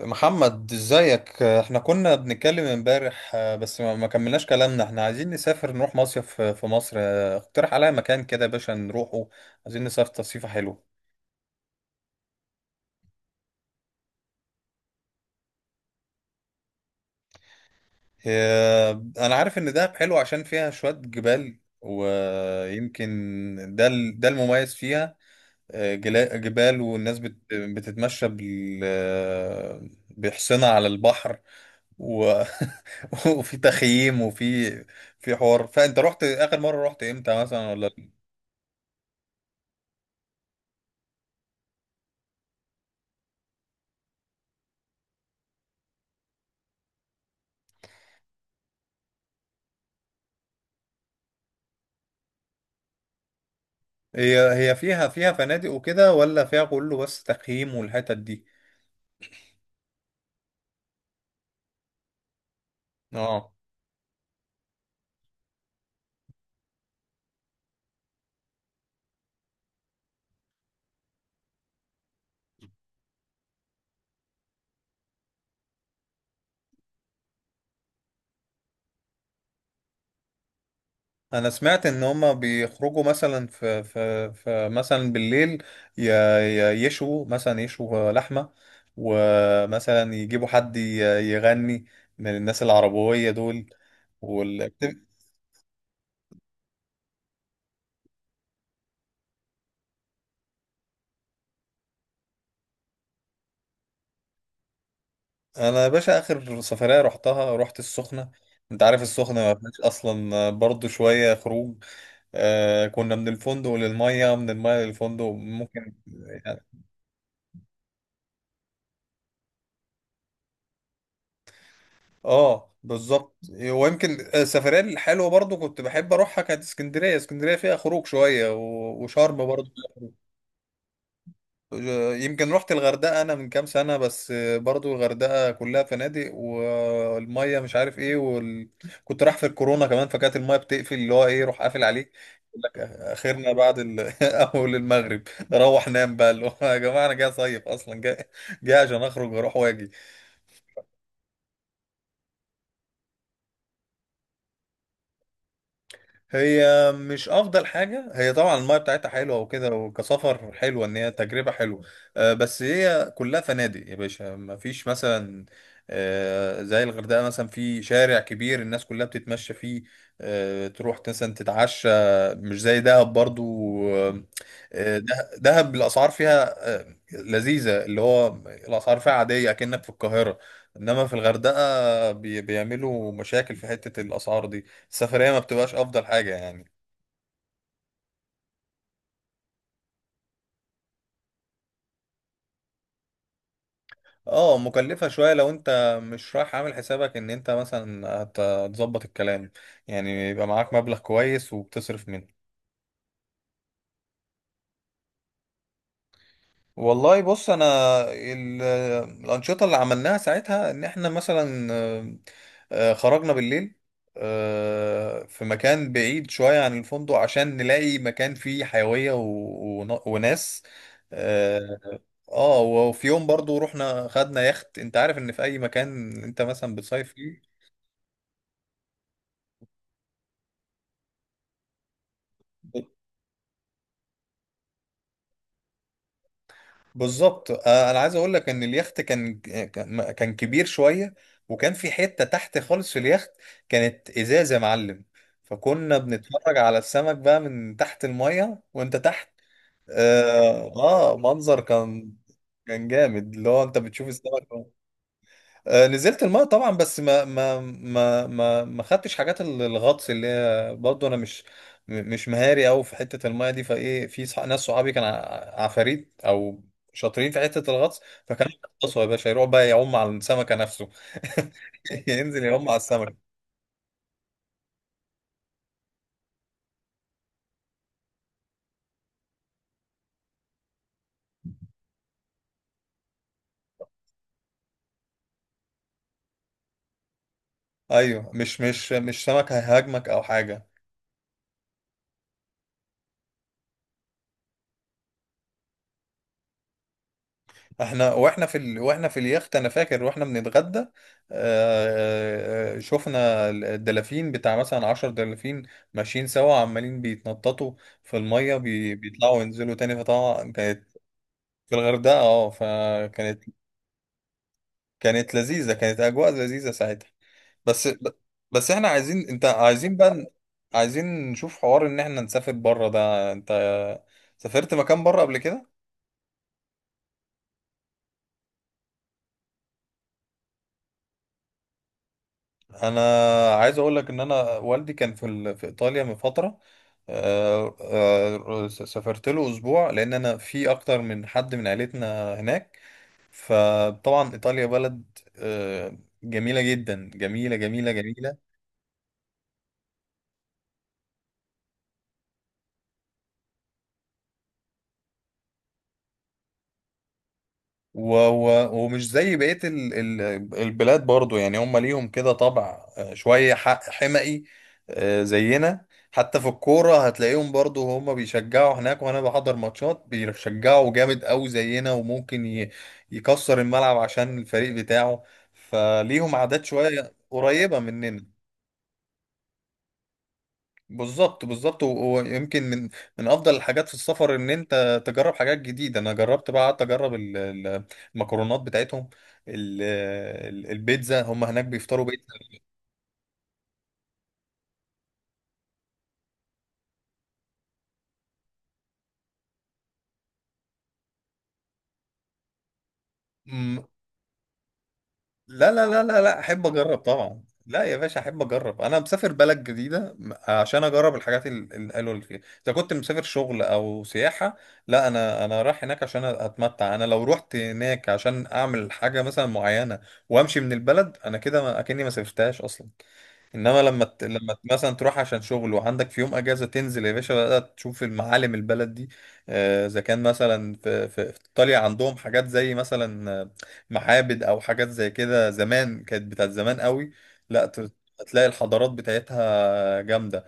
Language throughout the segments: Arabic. محمد ازيك، احنا كنا بنتكلم امبارح. بس ما كملناش كلامنا. احنا عايزين نسافر نروح مصيف في مصر. اقترح عليا مكان كده يا باشا نروحه. عايزين نسافر تصيفة حلوة. آه، انا عارف ان دهب حلو عشان فيها شوية جبال ويمكن ده المميز فيها. جبال، والناس بتتمشى بحصنة على البحر و... وفي تخييم وفي في حوار. فانت رحت اخر مره، رحت امتى مثلا ولا؟ هي هي فيها فنادق وكده، ولا فيها كله بس تخييم والحتت دي؟ اه، انا سمعت ان هما بيخرجوا مثلا في مثلا بالليل. يشوا مثلا يشوا لحمه، ومثلا يجيبوا حد يغني من الناس العربويه دول. انا يا باشا اخر سفريه رحتها، رحت السخنه. انت عارف السخنه ما فيهاش اصلا برضو شويه خروج. كنا من الفندق للميه، من الميه للفندق، ممكن يعني. اه بالظبط. ويمكن السفريه الحلوه برضو كنت بحب اروحها كانت اسكندريه. اسكندريه فيها خروج شويه، وشرم برضو. يمكن رحت الغردقه انا من كام سنه، بس برضو الغردقه كلها فنادق، والميه مش عارف ايه كنت رايح في الكورونا كمان، فكانت الميه بتقفل، اللي هو ايه، روح قافل عليك. اخرنا بعد اول المغرب روح نام بقى، اللي هو يا جماعه انا جاي صيف اصلا، جاي جاي عشان اخرج واروح واجي. هي مش افضل حاجه هي، طبعا المايه بتاعتها حلوه وكده، وكسفر حلوه ان هي تجربه حلوه. بس هي كلها فنادق يا باشا، ما فيش مثلا زي الغردقه مثلا، في شارع كبير الناس كلها بتتمشى فيه، تروح مثلا تتعشى، مش زي دهب برضو. آه، دهب الاسعار فيها لذيذه، اللي هو الاسعار فيها عاديه اكنك في القاهره. انما في الغردقه بيعملوا مشاكل في حته الاسعار دي. السفرية ما بتبقاش أفضل حاجة يعني. اه، مكلفة شوية لو انت مش رايح عامل حسابك ان انت مثلا هتظبط الكلام، يعني يبقى معاك مبلغ كويس وبتصرف منه. والله بص انا، ال- الأنشطة اللي عملناها ساعتها ان احنا مثلا خرجنا بالليل في مكان بعيد شوية عن الفندق عشان نلاقي مكان فيه حيوية وناس. آه، اه وفي يوم برضو رحنا خدنا يخت. انت عارف ان في اي مكان انت مثلا بتصيف فيه. ب- بالظبط. انا عايز اقول لك ان اليخت كان كبير شوية، وكان في حتة تحت خالص في اليخت كانت ازاز يا معلم، فكنا بنتفرج على السمك بقى من تحت المية وانت تحت. اه, منظر كان جامد، اللي هو انت بتشوف السمك. نزلت الماء طبعا، بس ما خدتش حاجات الغطس، اللي هي برضه انا مش مهاري قوي في حته الماء دي، فايه في ناس صحابي كان عفاريت او شاطرين في حته الغطس، فكانوا يغطسوا يا باشا، يروح بقى يعوم على السمكه نفسه ينزل يعوم على السمكه. ايوه، مش سمكه هيهاجمك او حاجه. احنا واحنا في اليخت انا فاكر واحنا بنتغدى، شفنا الدلافين بتاع مثلا 10 دلافين ماشيين سوا عمالين بيتنططوا في المية، بيطلعوا وينزلوا تاني، فطبعا كانت في الغردقة. اه، فكانت لذيذة، كانت أجواء لذيذة ساعتها. بس بس احنا عايزين، انت عايزين بقى، عايزين نشوف حوار ان احنا نسافر بره. ده انت سافرت مكان بره قبل كده؟ انا عايز اقول لك ان انا والدي كان في ايطاليا من فتره، سافرت له اسبوع لان انا في اكتر من حد من عيلتنا هناك، فطبعا ايطاليا بلد آه، جميله جدا، جميله جميله جميله، ومش زي بقية البلاد برضو. يعني هم ليهم كده طبع شوية حمقي زينا، حتى في الكورة هتلاقيهم برضو، هم بيشجعوا هناك، وأنا بحضر ماتشات بيشجعوا جامد أوي زينا، وممكن يكسر الملعب عشان الفريق بتاعه، فليهم عادات شوية قريبة مننا. بالظبط بالظبط. ويمكن من افضل الحاجات في السفر ان انت تجرب حاجات جديده. انا جربت بقى، قعدت اجرب المكرونات بتاعتهم، ال- البيتزا، هم هناك بيفطروا بيتزا. أمم، لا لا لا لا لا، احب اجرب طبعا، لا يا باشا احب اجرب. انا مسافر بلد جديده عشان اجرب الحاجات الحلوه اللي فيها، اذا كنت مسافر شغل او سياحه. لا، انا رايح هناك عشان اتمتع. انا لو رحت هناك عشان اعمل حاجه مثلا معينه وامشي من البلد، انا كده اكني ما سافرتهاش اصلا. انما لما مثلا تروح عشان شغل وعندك في يوم اجازه، تنزل يا باشا بقى تشوف المعالم البلد دي. اذا كان مثلا في ايطاليا عندهم حاجات زي مثلا معابد او حاجات زي كده، زمان كانت، بتاعت زمان قوي. لا ت... هتلاقي الحضارات بتاعتها جامده.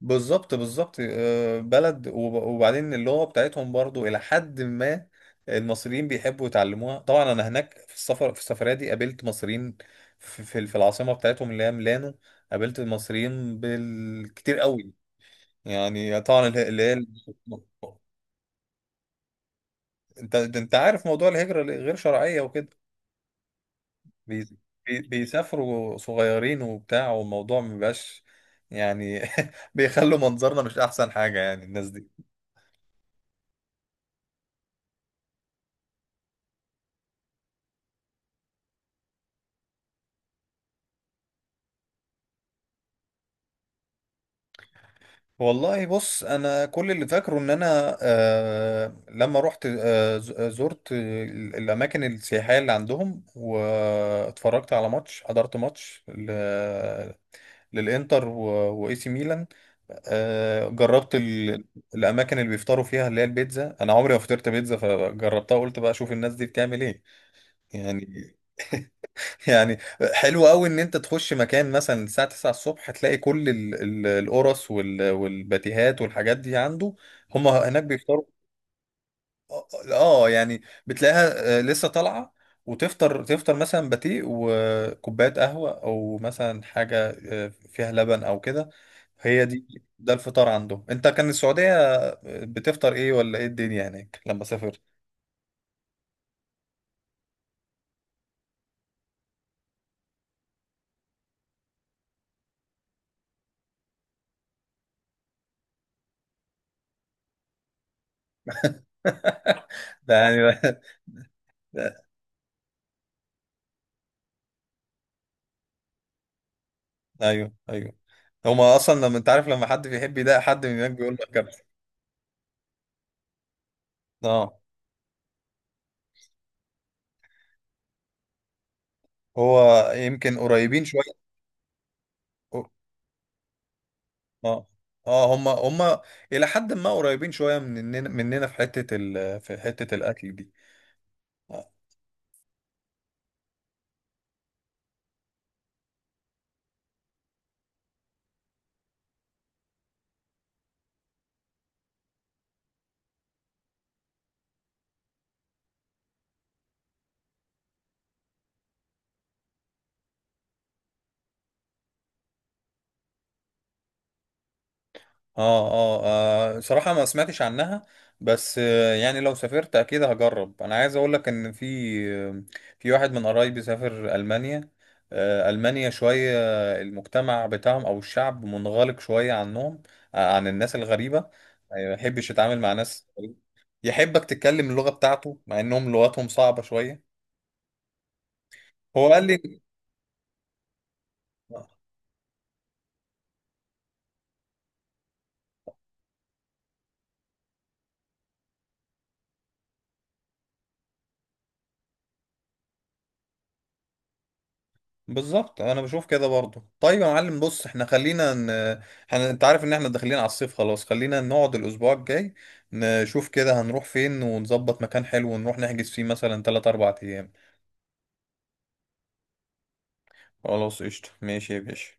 بالظبط بالظبط. بلد، وبعدين اللغة بتاعتهم برضو، إلى حد ما المصريين بيحبوا يتعلموها. طبعا أنا هناك في السفرية دي قابلت مصريين في العاصمة بتاعتهم اللي هي ميلانو، قابلت المصريين بالكتير قوي. يعني طبعا اللي هي، أنت ده، أنت عارف موضوع الهجرة اللي غير شرعية وكده، بي- بيسافروا صغيرين وبتاع، والموضوع مبيبقاش يعني بيخلوا منظرنا مش أحسن حاجة يعني الناس دي. والله بص، انا كل اللي فاكره ان انا آه لما رحت آه ز- آه، زرت الاماكن السياحيه اللي عندهم، واتفرجت على ماتش، حضرت ماتش للانتر واي سي ميلان. جربت الاماكن اللي بيفطروا فيها اللي هي البيتزا، انا عمري ما فطرت بيتزا فجربتها، قلت بقى اشوف الناس دي بتعمل ايه يعني يعني. حلو قوي ان انت تخش مكان مثلا الساعة 9 الصبح تلاقي كل القرص والباتيهات والحاجات دي عنده، هم هناك بيفطروا. يعني بتلاقيها لسه طالعة، وتفطر مثلا باتيه وكوباية قهوة، او مثلا حاجة فيها لبن او كده. هي دي، الفطار عندهم. انت كان السعودية بتفطر ايه، ولا ايه الدنيا هناك لما سافرت؟ ده يعني ايوه ايوه، هما اصلا لما انت عارف، لما حد بيحب يضايق حد من هناك بيقول لك كابتن. اه، هو يمكن قريبين شويه. اه اه، هما الى حد ما قريبين شويه مننا في حته في حته الاكل دي. اه اه، صراحة ما سمعتش عنها، بس يعني لو سافرت اكيد هجرب. انا عايز اقول لك ان آه، في واحد من قرايبي سافر المانيا. المانيا شوية، المجتمع بتاعهم او الشعب منغلق شوية عنهم، عن الناس الغريبة، يعني ما يحبش يتعامل مع ناس غريبة. يحبك تتكلم اللغة بتاعته، مع انهم لغتهم صعبة شوية، هو قال لي. بالظبط انا بشوف كده برضو. طيب يا معلم، بص احنا خلينا احنا انت عارف ان احنا داخلين على الصيف خلاص، خلينا نقعد الاسبوع الجاي نشوف كده هنروح فين، ونظبط مكان حلو ونروح نحجز فيه مثلا 3 4 ايام. خلاص قشطة، ماشي يا باشا.